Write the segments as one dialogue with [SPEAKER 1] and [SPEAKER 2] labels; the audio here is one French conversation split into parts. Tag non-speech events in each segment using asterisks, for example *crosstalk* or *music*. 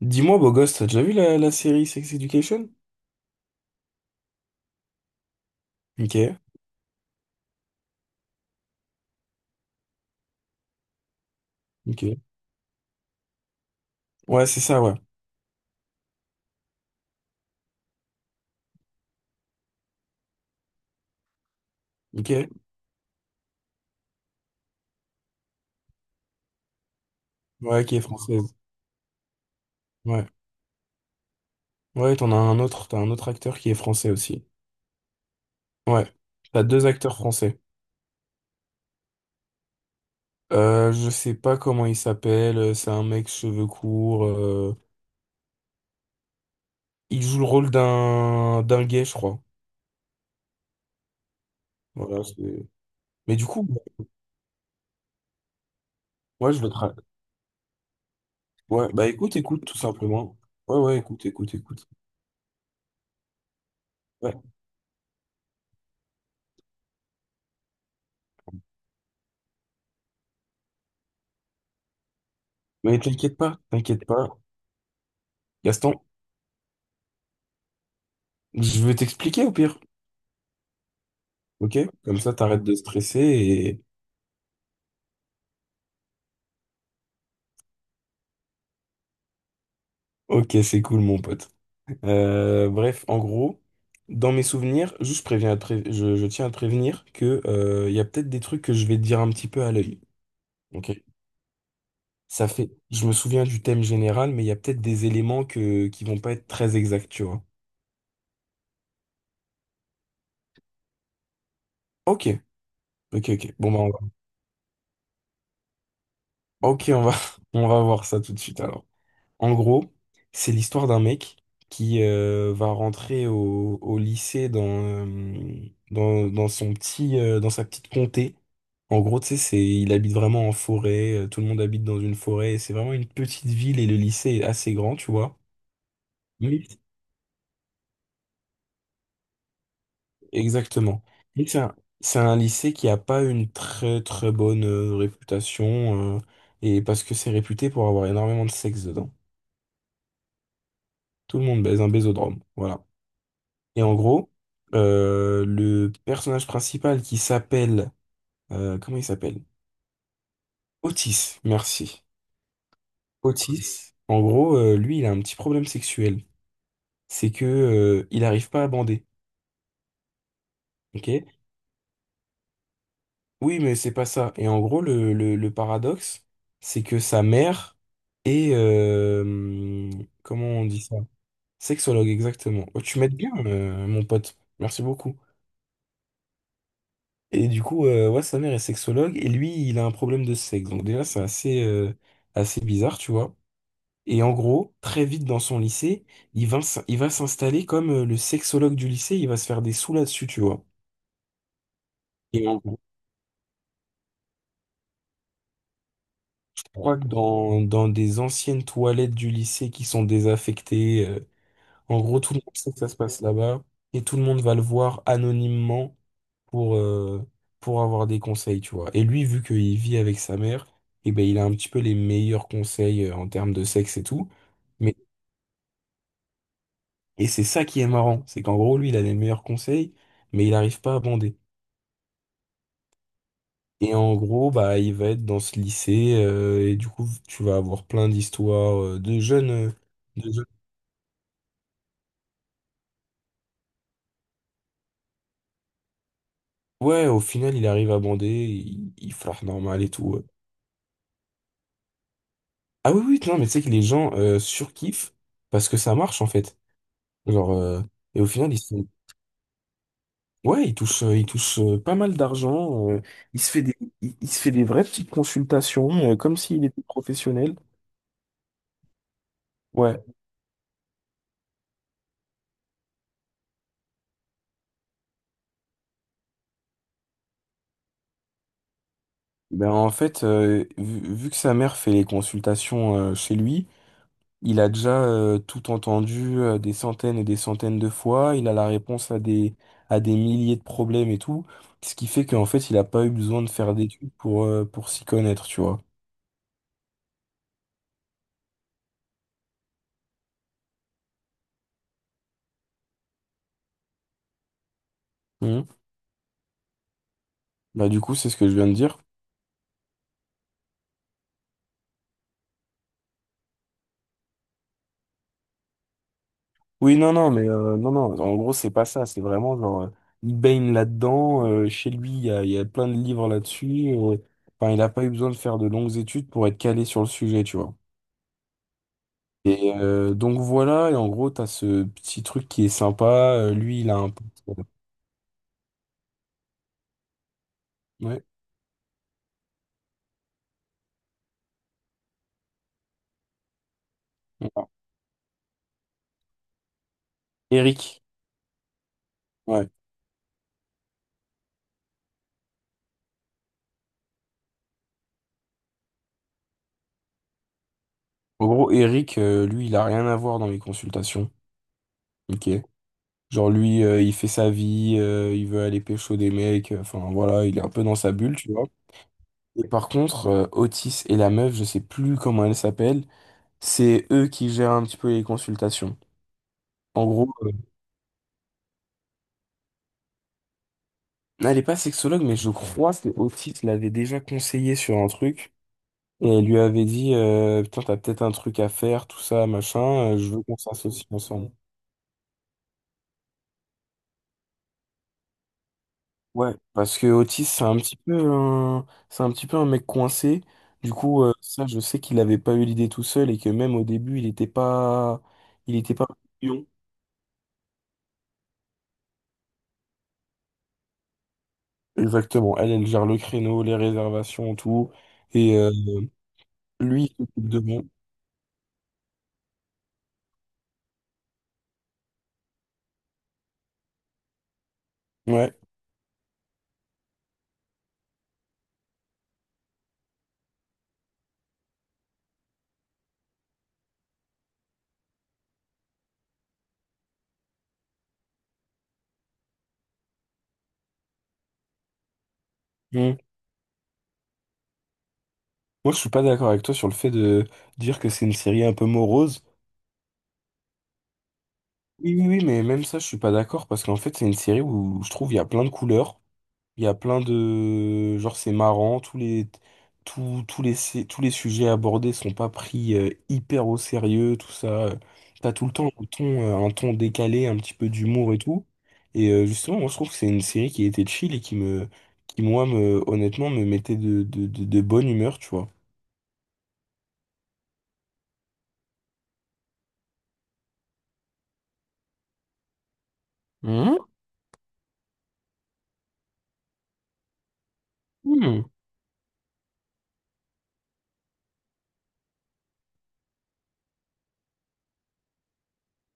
[SPEAKER 1] Dis-moi, beau gosse, t'as déjà vu la série Sex Education? Ok, ok. Ouais, c'est ça, ouais. Ok. Ouais, qui est française. Ouais. Ouais, t'as un autre acteur qui est français aussi. Ouais. T'as deux acteurs français. Je sais pas comment il s'appelle, c'est un mec cheveux courts. Il joue le rôle d'un gay, je crois. Voilà, Mais du coup, ouais, je veux te... Ouais, bah écoute, écoute, tout simplement. Ouais, ouais, écoute, écoute, écoute. Ouais. Mais t'inquiète pas, t'inquiète pas. Gaston, je vais t'expliquer au pire. Ok, comme ça t'arrêtes de stresser et ok, c'est cool mon pote. Bref, en gros, dans mes souvenirs, juste je tiens à te prévenir que il y a peut-être des trucs que je vais te dire un petit peu à l'œil. Ok. Ça fait, je me souviens du thème général, mais il y a peut-être des éléments que qui vont pas être très exacts, tu vois. Ok, ok, ok. Bon, bah, ok, *laughs* on va voir ça tout de suite alors. En gros, c'est l'histoire d'un mec qui va rentrer au lycée dans sa petite comté. En gros, tu sais, il habite vraiment en forêt, tout le monde habite dans une forêt, et c'est vraiment une petite ville et le lycée est assez grand, tu vois. Mais- Exactement. Mais c'est un lycée qui a pas une très très bonne réputation, et parce que c'est réputé pour avoir énormément de sexe dedans. Tout le monde baise un baisodrome, voilà. Et en gros, le personnage principal qui s'appelle... comment il s'appelle? Otis, merci. Otis, en gros, lui, il a un petit problème sexuel. C'est que, il n'arrive pas à bander. Ok? Oui, mais c'est pas ça. Et en gros, le paradoxe, c'est que sa mère est... comment on dit ça? Sexologue, exactement. Oh, tu m'aides bien, mon pote. Merci beaucoup. Et du coup, ouais, sa mère est sexologue et lui, il a un problème de sexe. Donc déjà, c'est assez bizarre, tu vois. Et en gros, très vite dans son lycée, il va s'installer comme le sexologue du lycée, il va se faire des sous là-dessus, tu vois. Et en gros, je crois que dans des anciennes toilettes du lycée qui sont désaffectées, en gros, tout le monde sait que ça se passe là-bas et tout le monde va le voir anonymement. pour, euh, pour avoir des conseils, tu vois. Et lui, vu qu'il vit avec sa mère, eh ben, il a un petit peu les meilleurs conseils en termes de sexe et tout. Mais, et c'est ça qui est marrant, c'est qu'en gros, lui, il a les meilleurs conseils, mais il n'arrive pas à bander. Et en gros, bah, il va être dans ce lycée, et du coup, tu vas avoir plein d'histoires de jeunes. Ouais, au final, il arrive à bander, il flirte normal et tout. Ouais. Ah oui, oui, non, mais tu sais que les gens surkiffent parce que ça marche, en fait. Genre, et au final, ils se... Ouais, il touche pas mal d'argent. Il se fait des, il se fait des vraies petites consultations, comme s'il était professionnel. Ouais. Ben en fait, vu que sa mère fait les consultations chez lui, il a déjà tout entendu des centaines et des centaines de fois. Il a la réponse à des milliers de problèmes et tout. Ce qui fait qu'en fait, il a pas eu besoin de faire d'études pour s'y connaître, tu vois. Mhm. Bah, du coup, c'est ce que je viens de dire. Oui, non, non, mais non, non, en gros, c'est pas ça. C'est vraiment genre, il baigne là-dedans. Chez lui, il y a plein de livres là-dessus. Enfin, il n'a pas eu besoin de faire de longues études pour être calé sur le sujet, tu vois. Et donc voilà, et en gros, t'as ce petit truc qui est sympa. Lui, il a un pote, ouais. Ouais. Enfin, Eric. Ouais. En gros, Eric, lui, il a rien à voir dans les consultations. Ok. Genre, lui, il fait sa vie, il veut aller pécho des mecs. Enfin, voilà, il est un peu dans sa bulle, tu vois. Et par contre, Otis et la meuf, je sais plus comment elle s'appelle, c'est eux qui gèrent un petit peu les consultations. En gros, elle est pas sexologue, mais je crois que Otis l'avait déjà conseillé sur un truc. Et elle lui avait dit, putain, t'as peut-être un truc à faire, tout ça, machin, je veux qu'on s'associe ensemble. Ouais, parce que Otis, c'est un petit peu un mec coincé. Du coup, ça, je sais qu'il avait pas eu l'idée tout seul et que même au début, il était pas, il était pas. Exactement. Elle, elle gère le créneau, les réservations, tout. Et lui, il s'occupe de moi. Ouais. Mm. Moi, je suis pas d'accord avec toi sur le fait de dire que c'est une série un peu morose. Oui, oui, oui, mais même ça, je suis pas d'accord parce qu'en fait, c'est une série où je trouve il y a plein de couleurs. Il y a plein de... Genre, c'est marrant, tous les... Tous, tous les, sé- tous les sujets abordés sont pas pris hyper au sérieux, tout ça. T'as tout le temps un ton décalé, un petit peu d'humour et tout. Et justement, moi, je trouve que c'est une série qui était chill et qui me... qui, moi, me... honnêtement, me mettait de bonne humeur, tu vois. Hmm. Hmm.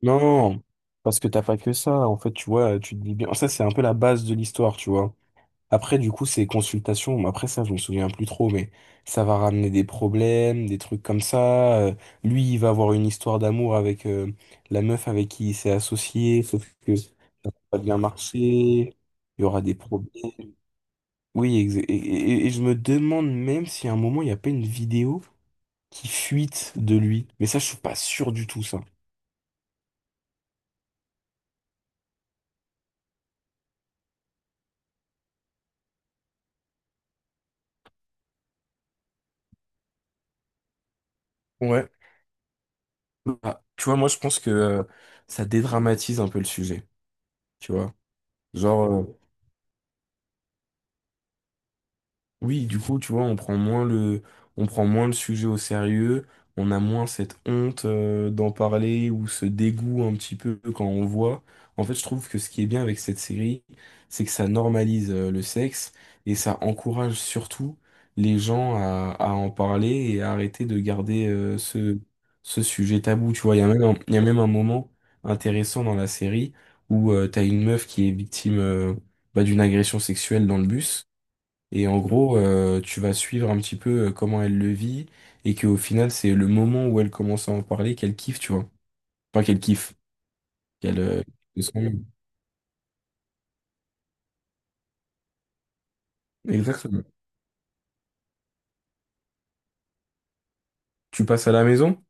[SPEAKER 1] Non, parce que t'as pas que ça. En fait, tu vois, tu te dis bien... Ça, c'est un peu la base de l'histoire, tu vois. Après, du coup, ces consultations, bon, après ça, je me souviens plus trop, mais ça va ramener des problèmes, des trucs comme ça. Lui, il va avoir une histoire d'amour avec la meuf avec qui il s'est associé, sauf que ça va pas bien marcher, il y aura des problèmes. Oui, et je me demande même si à un moment, il n'y a pas une vidéo qui fuite de lui. Mais ça, je suis pas sûr du tout, ça. Ouais. Bah, tu vois, moi, je pense que ça dédramatise un peu le sujet, tu vois. Genre... Oui, du coup, tu vois, on prend moins le sujet au sérieux, on a moins cette honte d'en parler ou ce dégoût un petit peu quand on voit. En fait, je trouve que ce qui est bien avec cette série, c'est que ça normalise le sexe et ça encourage surtout les gens à en parler et à arrêter de garder ce sujet tabou. Tu vois, il y a même un, il y a même un moment intéressant dans la série où tu t'as une meuf qui est victime bah, d'une agression sexuelle dans le bus. Et en gros, tu vas suivre un petit peu comment elle le vit et qu'au final, c'est le moment où elle commence à en parler qu'elle kiffe, tu vois. Enfin, qu'elle kiffe. Qu'elle, euh, qu'elle se rend compte. Exactement. Tu passes à la maison?